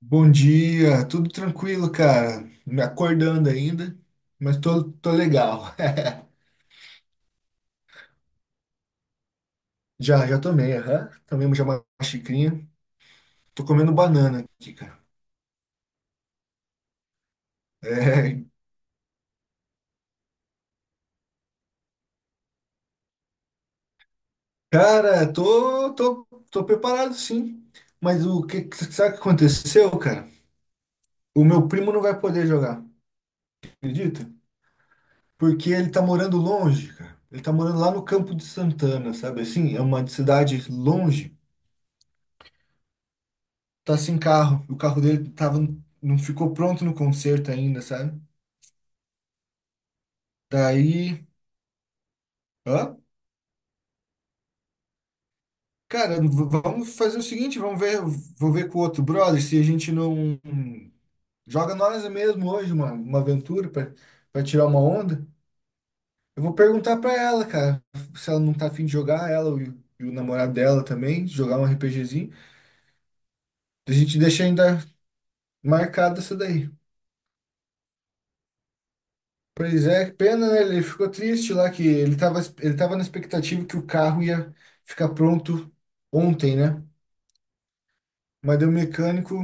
Bom dia, tudo tranquilo, cara. Me acordando ainda, mas tô legal. Já tomei, aham. Tomei já uma xicrinha. Tô comendo banana aqui, cara. É, cara, tô preparado, sim. Mas sabe o que aconteceu, cara? O meu primo não vai poder jogar, acredita? Porque ele tá morando longe, cara. Ele tá morando lá no Campo de Santana, sabe, assim? É uma cidade longe. Tá sem carro. O carro dele tava, não ficou pronto no concerto ainda, sabe? Daí, ó, cara, vamos fazer o seguinte, vamos ver, vou ver com o outro brother se a gente não joga nós mesmo hoje uma, aventura pra para tirar uma onda. Eu vou perguntar pra ela, cara, se ela não tá afim de jogar, ela e o namorado dela também, jogar um RPGzinho. A gente deixa ainda marcado essa daí. Pois é, que pena, né? Ele ficou triste lá, que ele tava, na expectativa que o carro ia ficar pronto ontem, né? Mas daí o mecânico,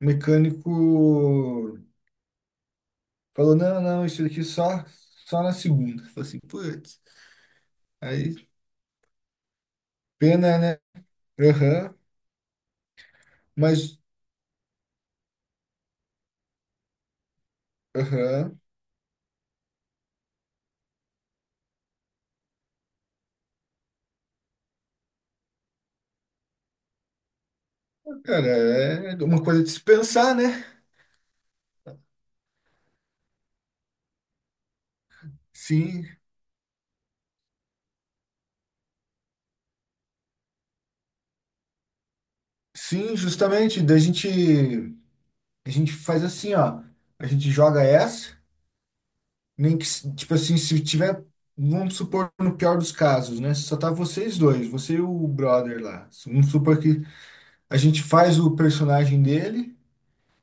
o mecânico falou: não, não, isso aqui só na segunda. Falei assim, putz, aí pena, né? Aham, mas, aham, cara, é uma coisa de se pensar, né? Sim, sim, justamente. Daí a gente faz assim, ó, a gente joga essa. Nem que, tipo assim, se tiver, vamos supor, no pior dos casos, né? Só tá vocês dois, você e o brother lá. Vamos supor que a gente faz o personagem dele,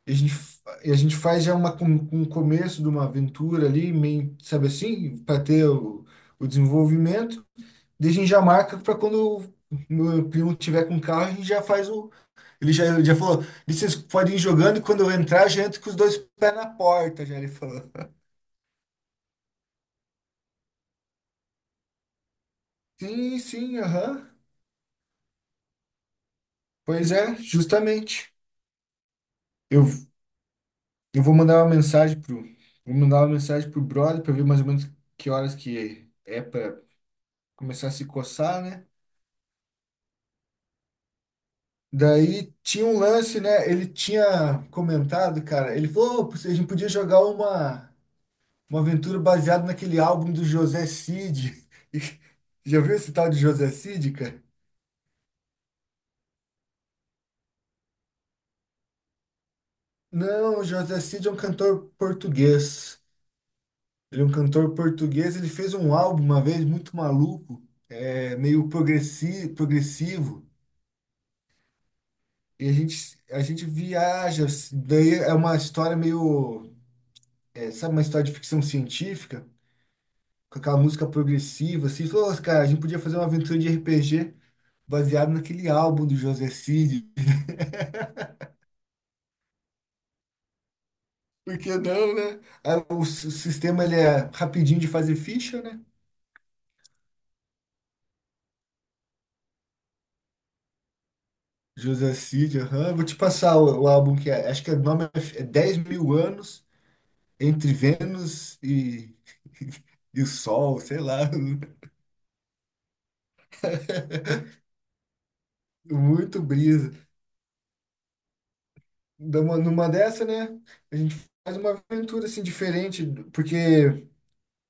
e a gente faz já um começo de uma aventura ali, meio, sabe assim, para ter o desenvolvimento. Daí a gente já marca para quando o meu primo tiver com o carro, a gente já faz o. ele já, falou: vocês podem ir jogando, e quando eu entrar, já entro com os dois pés na porta, já ele falou. Sim, sim, aham. Pois é, justamente. Eu, eu vou mandar uma mensagem pro, brother para ver mais ou menos que horas que é para começar a se coçar, né? Daí tinha um lance, né? Ele tinha comentado, cara, ele falou: "Ô, a gente podia jogar uma aventura baseada naquele álbum do José Cid." E já viu esse tal de José Cid, cara? Não, o José Cid é um cantor português. Ele é um cantor português, ele fez um álbum uma vez muito maluco, é meio progressivo, e a gente viaja assim. Daí é uma história meio, é, sabe, uma história de ficção científica, com aquela música progressiva, assim. Falou: "Ô, cara, a gente podia fazer uma aventura de RPG baseado naquele álbum do José Cid." Por que não, né? Aí, o sistema, ele é rapidinho de fazer ficha, né? José Cid, aham. Vou te passar o álbum que é. Acho que o nome é 10 mil anos entre Vênus e, e o Sol, sei lá. Muito brisa. Dá numa dessa, né? A gente faz uma aventura assim diferente, porque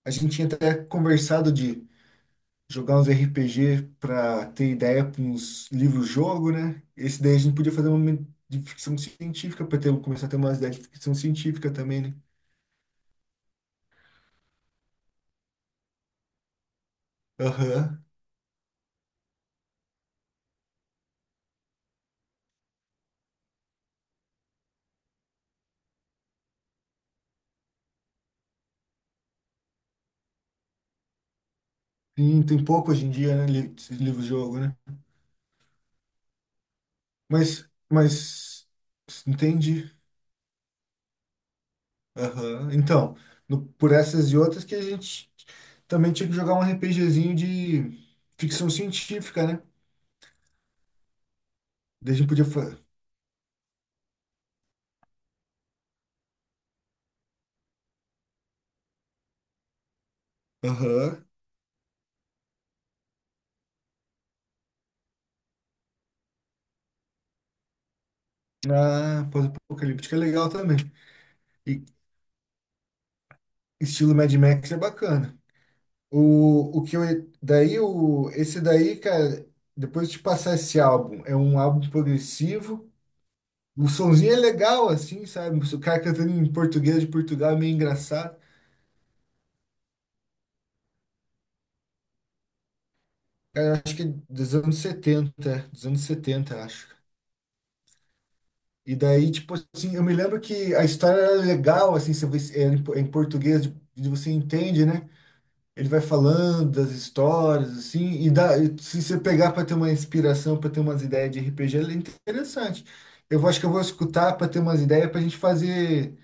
a gente tinha até conversado de jogar uns RPG para ter ideia para uns livros-jogo, né? Esse daí a gente podia fazer uma de ficção científica para ter começar a ter umas ideias de ficção científica também, né? Aham. Sim, tem pouco hoje em dia, né? Livro-jogo, né? Mas, mas, entendi. Aham. Então, por essas e outras que a gente também tinha que jogar um RPGzinho de ficção científica, né? Daí a gente podia fazer. Aham. Ah, pós-apocalíptica é legal também. E estilo Mad Max é bacana. O que eu. Daí, esse daí, cara, depois de passar esse álbum, é um álbum progressivo. O sonzinho é legal, assim, sabe? O cara cantando em português de Portugal é meio engraçado. Acho que é dos anos 70, dos anos 70, acho. E daí, tipo assim, eu me lembro que a história era legal, assim, você você, é em em português, de você entende, né? Ele vai falando das histórias, assim, e dá, e se você pegar para ter uma inspiração, para ter umas ideias de RPG, ele é interessante. Acho que eu vou escutar para ter umas ideias para a gente fazer,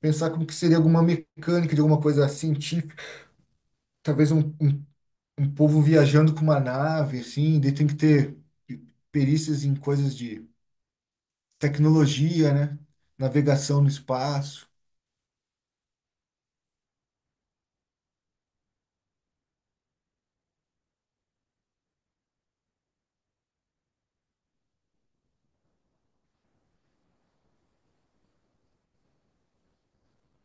pensar como que seria alguma mecânica de alguma coisa científica, talvez um, povo viajando com uma nave, assim, daí tem que ter perícias em coisas de tecnologia, né? Navegação no espaço.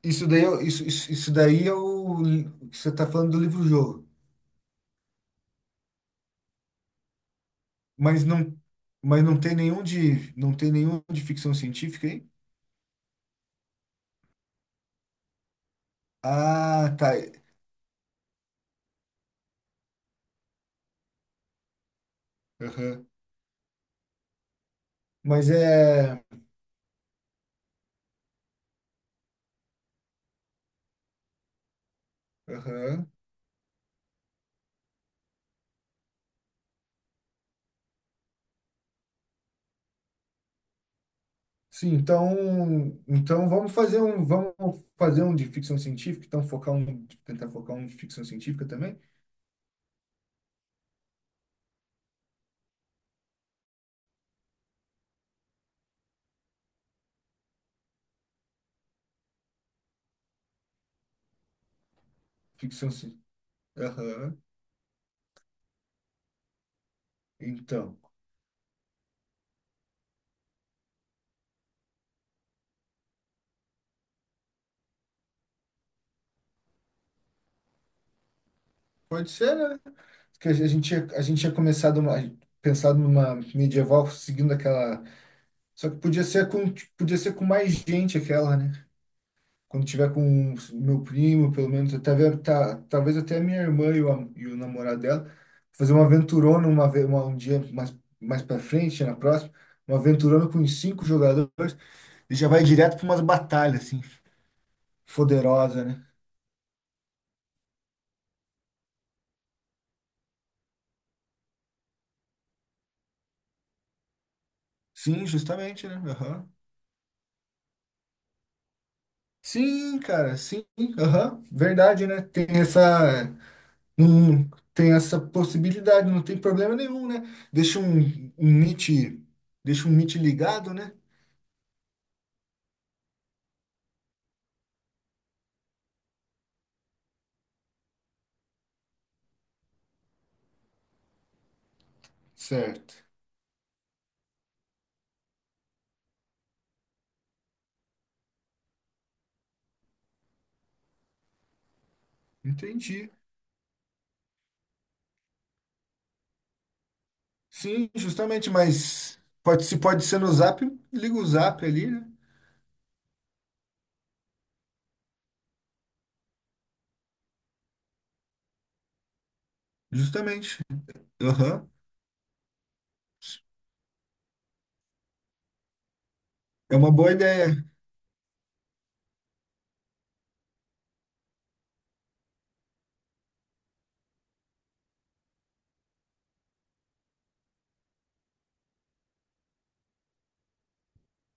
Isso daí, isso daí é o você está falando do livro-jogo, mas não, mas não tem nenhum de, não tem nenhum de ficção científica, hein? Ah, tá. Aham. Mas é, aham. Sim, então vamos fazer um de ficção científica, então focar um, tentar focar um de ficção científica também. Ficção, ci- aham. Então, pode ser, né? Que a gente tinha começado pensado numa medieval seguindo aquela. Só que podia ser com, mais gente aquela, né? Quando tiver com o meu primo, pelo menos, tá, vendo? Tá, talvez até a minha irmã e o, e o namorado dela, fazer uma aventurona um dia mais para frente, na próxima, uma aventurona com uns cinco jogadores, e já vai direto para umas batalhas, assim, foderosa, né? Sim, justamente, né? Aham. Sim, cara, sim, aham, verdade, né? Tem essa. Tem essa possibilidade, não tem problema nenhum, né? Deixa um Meet, deixa um Meet ligado, né? Certo. Entendi. Sim, justamente, mas pode, se pode ser no Zap, liga o Zap ali, né? Justamente. Aham. É uma boa ideia.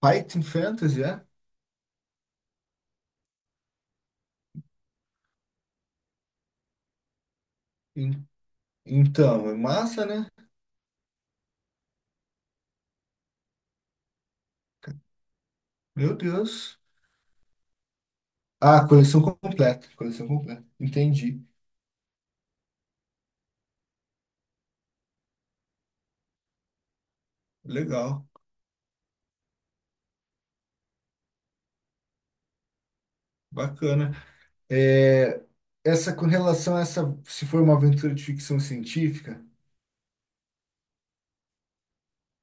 Python Fantasy, é? En- Então, é massa, né? Meu Deus. Ah, coleção completa. Coleção completa. Entendi. Legal. Bacana. É, essa, com relação a essa, se for uma aventura de ficção científica,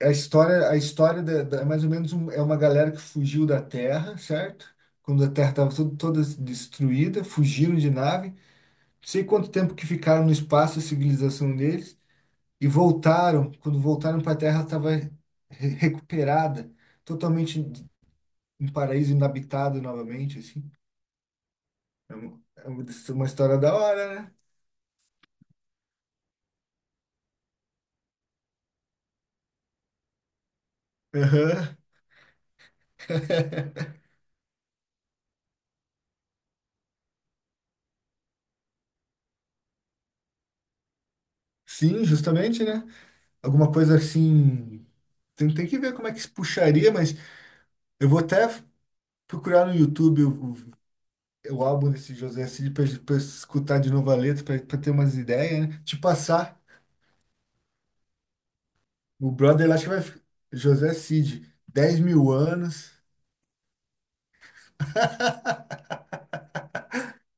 a história, é mais ou menos é uma galera que fugiu da Terra, certo? Quando a Terra estava toda, toda destruída, fugiram de nave, não sei quanto tempo que ficaram no espaço, a civilização deles, e voltaram. Quando voltaram para a Terra, estava recuperada, totalmente um paraíso inabitado novamente, assim. É uma história da hora, né? Aham. Sim, justamente, né? Alguma coisa assim. Tem que ver como é que se puxaria, mas eu vou até procurar no YouTube o álbum desse José Cid para escutar de novo a letra, para ter umas ideias, né? Te passar. O brother lá acho que vai. José Cid, 10 mil anos.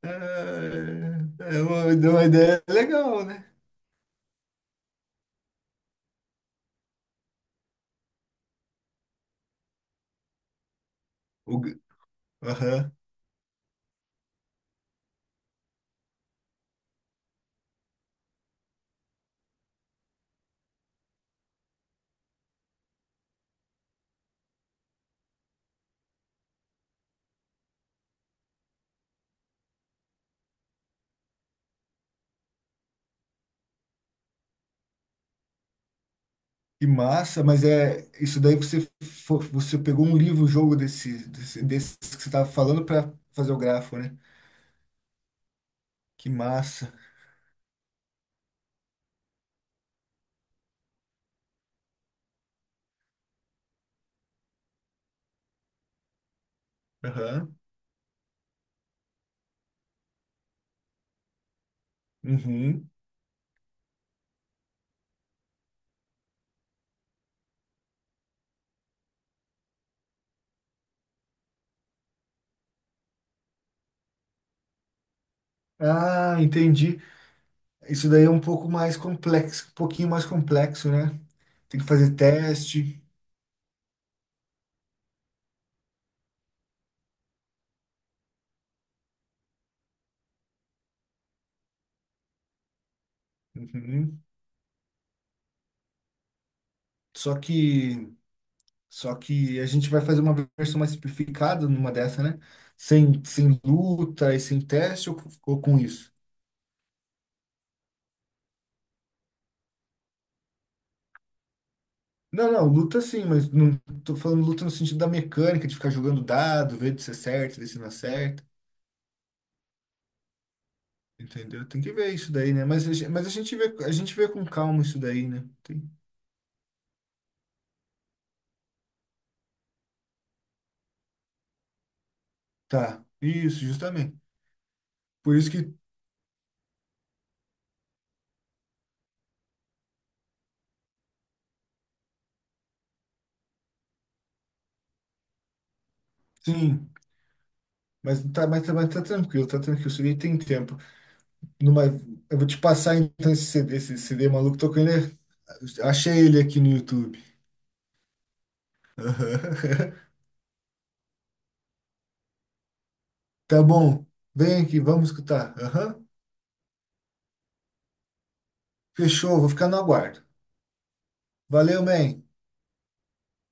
É, deu uma ideia legal, né? O, g- aham. Que massa, mas é isso daí você pegou um livro, um jogo desse, que você estava falando para fazer o grafo, né? Que massa. Aham. Uhum. Ah, entendi. Isso daí é um pouco mais complexo, um pouquinho mais complexo, né? Tem que fazer teste. Uhum. Só que, só que a gente vai fazer uma versão mais simplificada numa dessa, né? Sem luta e sem teste, ou, com isso? Não, não, luta sim, mas não tô falando luta no sentido da mecânica, de ficar jogando dado, ver se acerta, ver se não acerta. Entendeu? Tem que ver isso daí, né? Mas a gente vê, a gente vê com calma isso daí, né? Tá, isso, justamente. Por isso que, sim, mas tá tranquilo, tá tranquilo. Isso aí tem tempo. Numa, eu vou te passar então esse CD, esse CD maluco, tô com ele. Achei ele aqui no YouTube. Aham. Tá bom, vem aqui, vamos escutar. Aham. Fechou, vou ficar no aguardo. Valeu, man.